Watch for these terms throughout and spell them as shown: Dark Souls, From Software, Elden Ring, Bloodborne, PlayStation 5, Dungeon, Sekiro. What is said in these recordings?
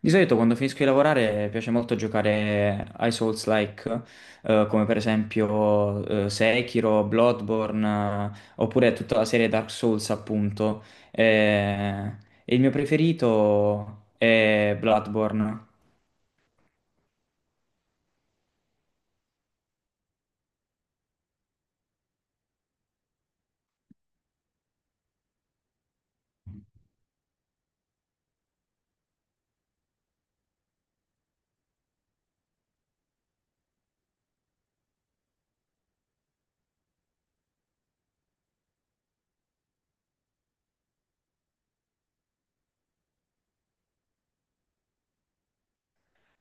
Di solito quando finisco di lavorare piace molto giocare ai Souls-like, come per esempio Sekiro, Bloodborne, oppure tutta la serie Dark Souls, appunto. Eh, e il mio preferito è Bloodborne.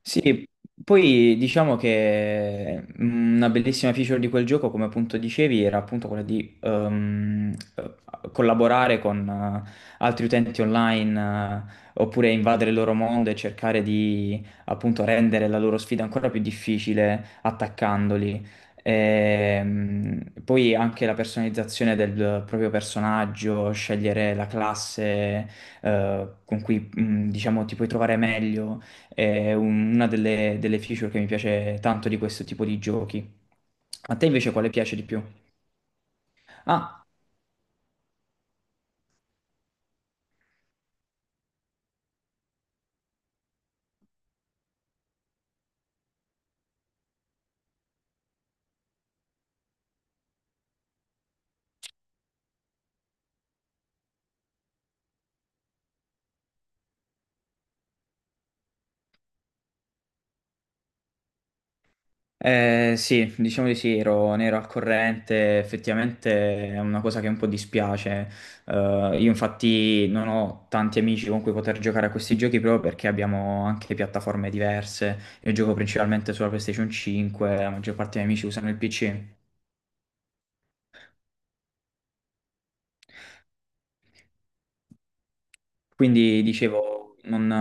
Sì, poi diciamo che una bellissima feature di quel gioco, come appunto dicevi, era appunto quella di collaborare con altri utenti online, oppure invadere il loro mondo e cercare di appunto rendere la loro sfida ancora più difficile attaccandoli. Poi anche la personalizzazione del proprio personaggio, scegliere la classe con cui diciamo ti puoi trovare meglio. È una delle feature che mi piace tanto di questo tipo di giochi. A te invece quale piace di più? Ah, sì, diciamo di sì, ne ero al corrente, effettivamente è una cosa che un po' dispiace. Eh, io infatti non ho tanti amici con cui poter giocare a questi giochi proprio perché abbiamo anche piattaforme diverse. Io gioco principalmente sulla PlayStation 5, la maggior parte dei miei amici usano il PC. Quindi dicevo, non,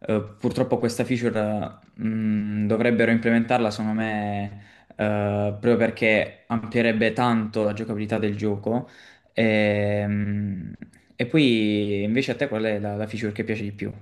purtroppo questa feature dovrebbero implementarla, secondo me, proprio perché amplierebbe tanto la giocabilità del gioco. E, mh, e poi invece a te qual è la feature che piace di più?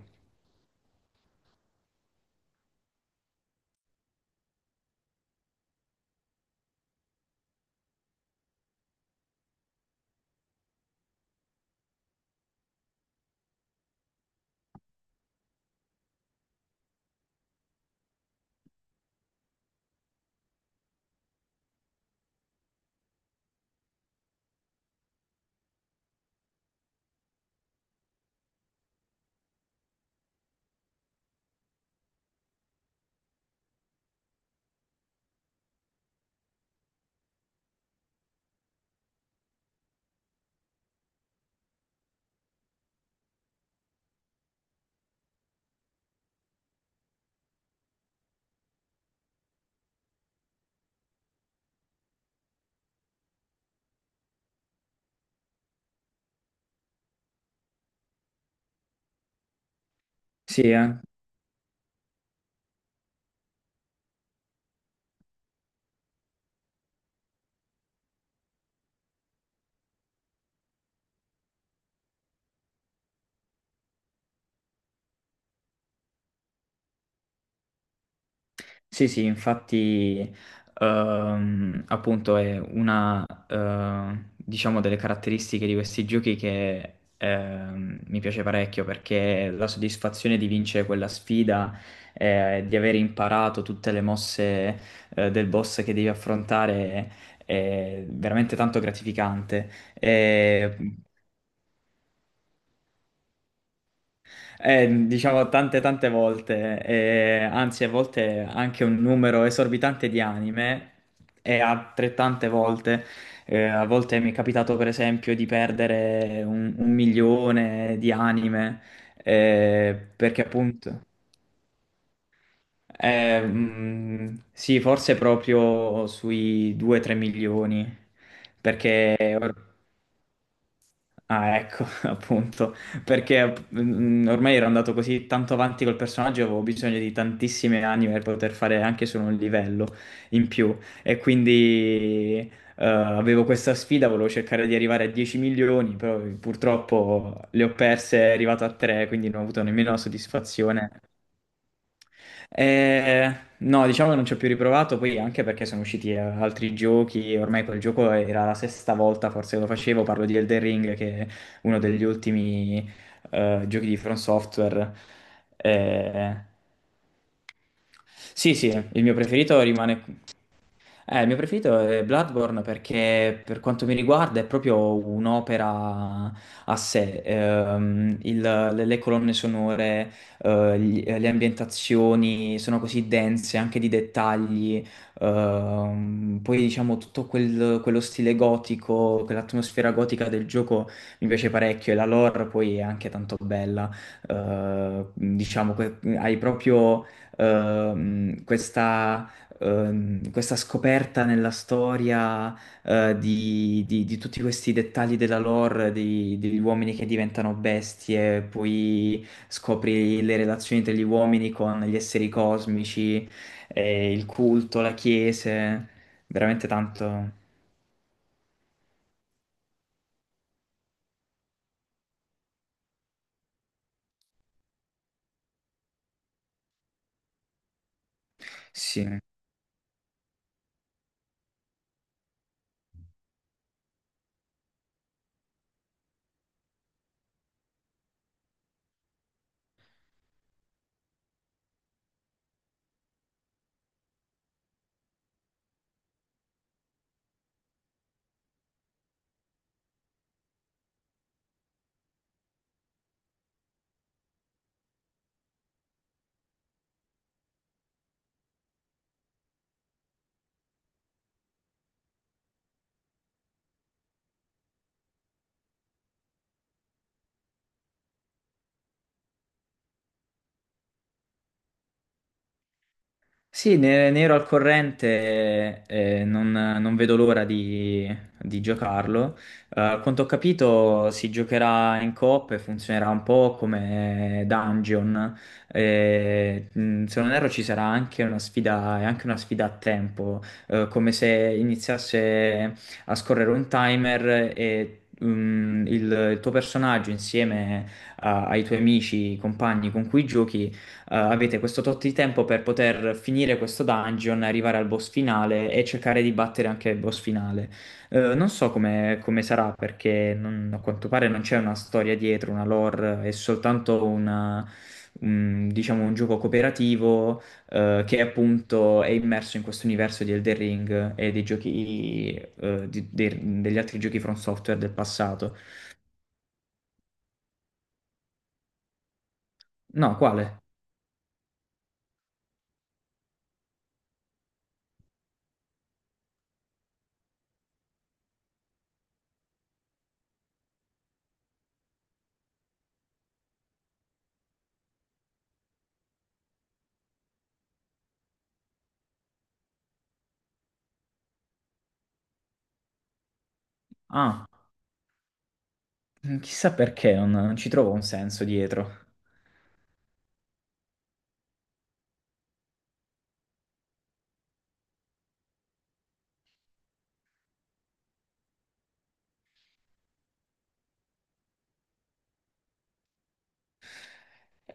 Sì, eh? Sì, sì, infatti, appunto è una, diciamo, delle caratteristiche di questi giochi che mi piace parecchio perché la soddisfazione di vincere quella sfida, di aver imparato tutte le mosse, del boss che devi affrontare è veramente tanto gratificante. E diciamo tante tante volte, anzi a volte anche un numero esorbitante di anime e altrettante volte, a volte mi è capitato per esempio di perdere un milione di anime, perché appunto. Sì forse proprio sui 2-3 milioni perché. Ah, ecco, appunto, perché ormai ero andato così tanto avanti col personaggio, avevo bisogno di tantissime anime per poter fare anche solo un livello in più e quindi avevo questa sfida, volevo cercare di arrivare a 10 milioni, però purtroppo le ho perse, è arrivato a 3, quindi non ho avuto nemmeno la soddisfazione. No, diciamo che non ci ho più riprovato, poi anche perché sono usciti altri giochi, ormai quel gioco era la sesta volta forse che lo facevo, parlo di Elden Ring che è uno degli ultimi giochi di From Software. Eh, sì, sì, il mio preferito rimane. Il mio preferito è Bloodborne perché per quanto mi riguarda è proprio un'opera a sé. Le le, colonne sonore, le ambientazioni sono così dense anche di dettagli. Poi diciamo tutto quello stile gotico, quell'atmosfera gotica del gioco mi piace parecchio e la lore poi è anche tanto bella. Diciamo, hai proprio questa questa scoperta nella storia di tutti questi dettagli della lore, degli uomini che diventano bestie, poi scopri le relazioni degli uomini con gli esseri cosmici, il culto, la chiesa, veramente tanto. Sì. Sì, ne ero al corrente, non vedo l'ora di giocarlo. A quanto ho capito, si giocherà in coop e funzionerà un po' come Dungeon. Se non erro, ci sarà anche una sfida, è anche una sfida a tempo, come se iniziasse a scorrere un timer, e il tuo personaggio insieme ai tuoi amici, compagni con cui giochi, avete questo tot di tempo per poter finire questo dungeon, arrivare al boss finale e cercare di battere anche il boss finale. Non so come sarà perché a quanto pare non c'è una storia dietro, una lore, è soltanto diciamo, un gioco cooperativo, che appunto è immerso in questo universo di Elden Ring e dei giochi, degli altri giochi From Software del passato. No, quale? Ah, chissà perché non ci trovo un senso dietro.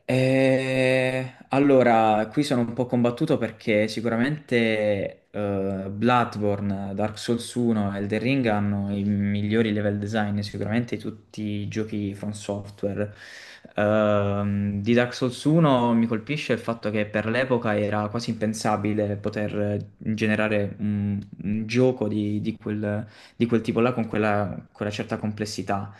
Allora, qui sono un po' combattuto perché sicuramente Bloodborne, Dark Souls 1 e Elden Ring hanno i migliori level design sicuramente di tutti i giochi From Software. Di Dark Souls 1 mi colpisce il fatto che per l'epoca era quasi impensabile poter generare un gioco di quel tipo là con quella certa complessità.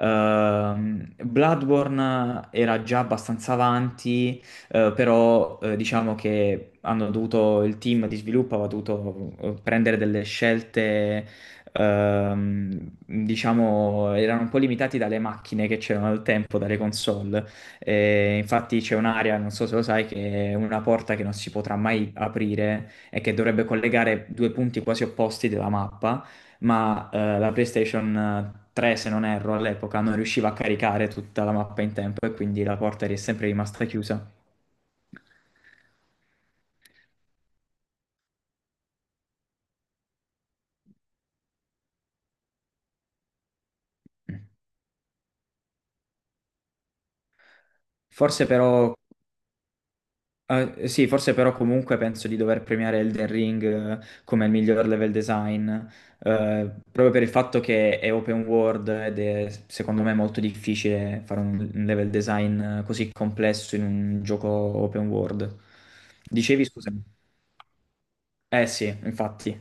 Bloodborne era già abbastanza avanti, però diciamo che hanno dovuto, il team di sviluppo aveva dovuto prendere delle scelte, ehm, diciamo, erano un po' limitati dalle macchine che c'erano al tempo, dalle console. E infatti c'è un'area, non so se lo sai, che è una porta che non si potrà mai aprire e che dovrebbe collegare due punti quasi opposti della mappa, ma la PlayStation 3, se non erro, all'epoca non riusciva a caricare tutta la mappa in tempo e quindi la porta è sempre rimasta chiusa. Mm. Forse però, sì, forse però comunque penso di dover premiare Elden Ring come il miglior level design, proprio per il fatto che è open world ed è secondo me molto difficile fare un level design così complesso in un gioco open world. Dicevi, scusami. Eh sì, infatti,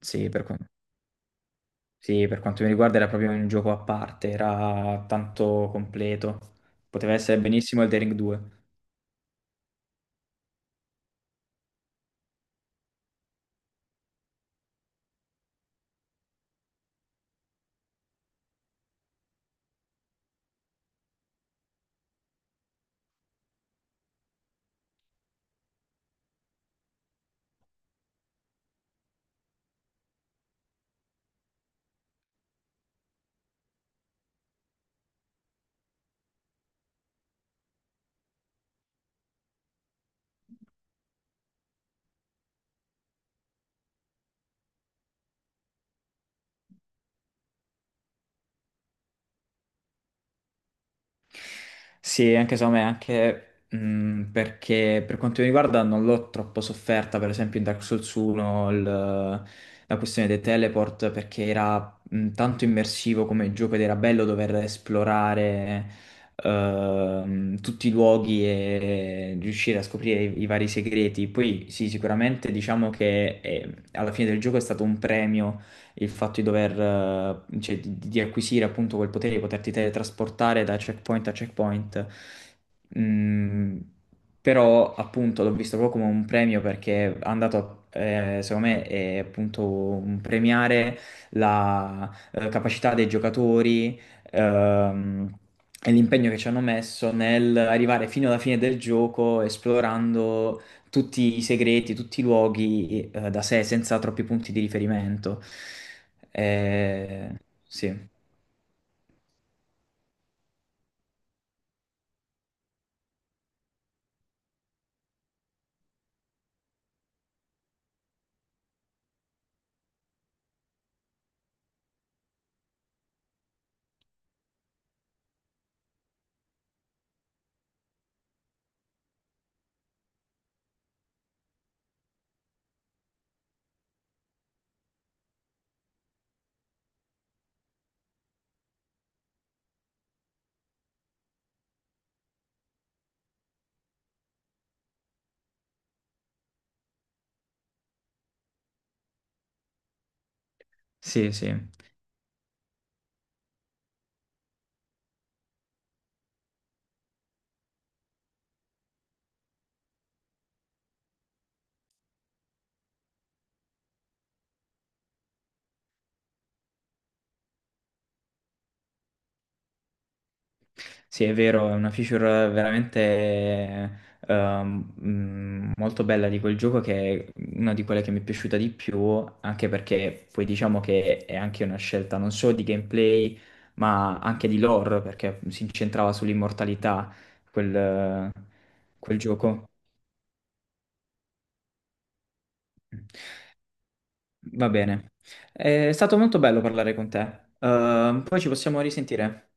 sì, per quello. Sì, per quanto mi riguarda era proprio un gioco a parte, era tanto completo. Poteva essere benissimo Elden Ring 2. Sì, anche secondo me, anche perché per quanto mi riguarda non l'ho troppo sofferta, per esempio in Dark Souls 1 la questione dei teleport, perché era tanto immersivo come gioco ed era bello dover esplorare tutti i luoghi e riuscire a scoprire i vari segreti. Poi sì, sicuramente diciamo che alla fine del gioco è stato un premio il fatto di dover, cioè, di acquisire appunto quel potere di poterti teletrasportare da checkpoint a checkpoint. Mm, però appunto l'ho visto proprio come un premio perché è andato, secondo me, è appunto un premiare la capacità dei giocatori, ehm, e l'impegno che ci hanno messo nel arrivare fino alla fine del gioco esplorando tutti i segreti, tutti i luoghi, da sé, senza troppi punti di riferimento. Eh, sì, sì, sì. Sì, è vero, è una feature veramente molto bella di quel gioco che è una di quelle che mi è piaciuta di più, anche perché poi diciamo che è anche una scelta non solo di gameplay, ma anche di lore, perché si incentrava sull'immortalità quel, quel gioco. Va bene. È stato molto bello parlare con te. Poi ci possiamo risentire.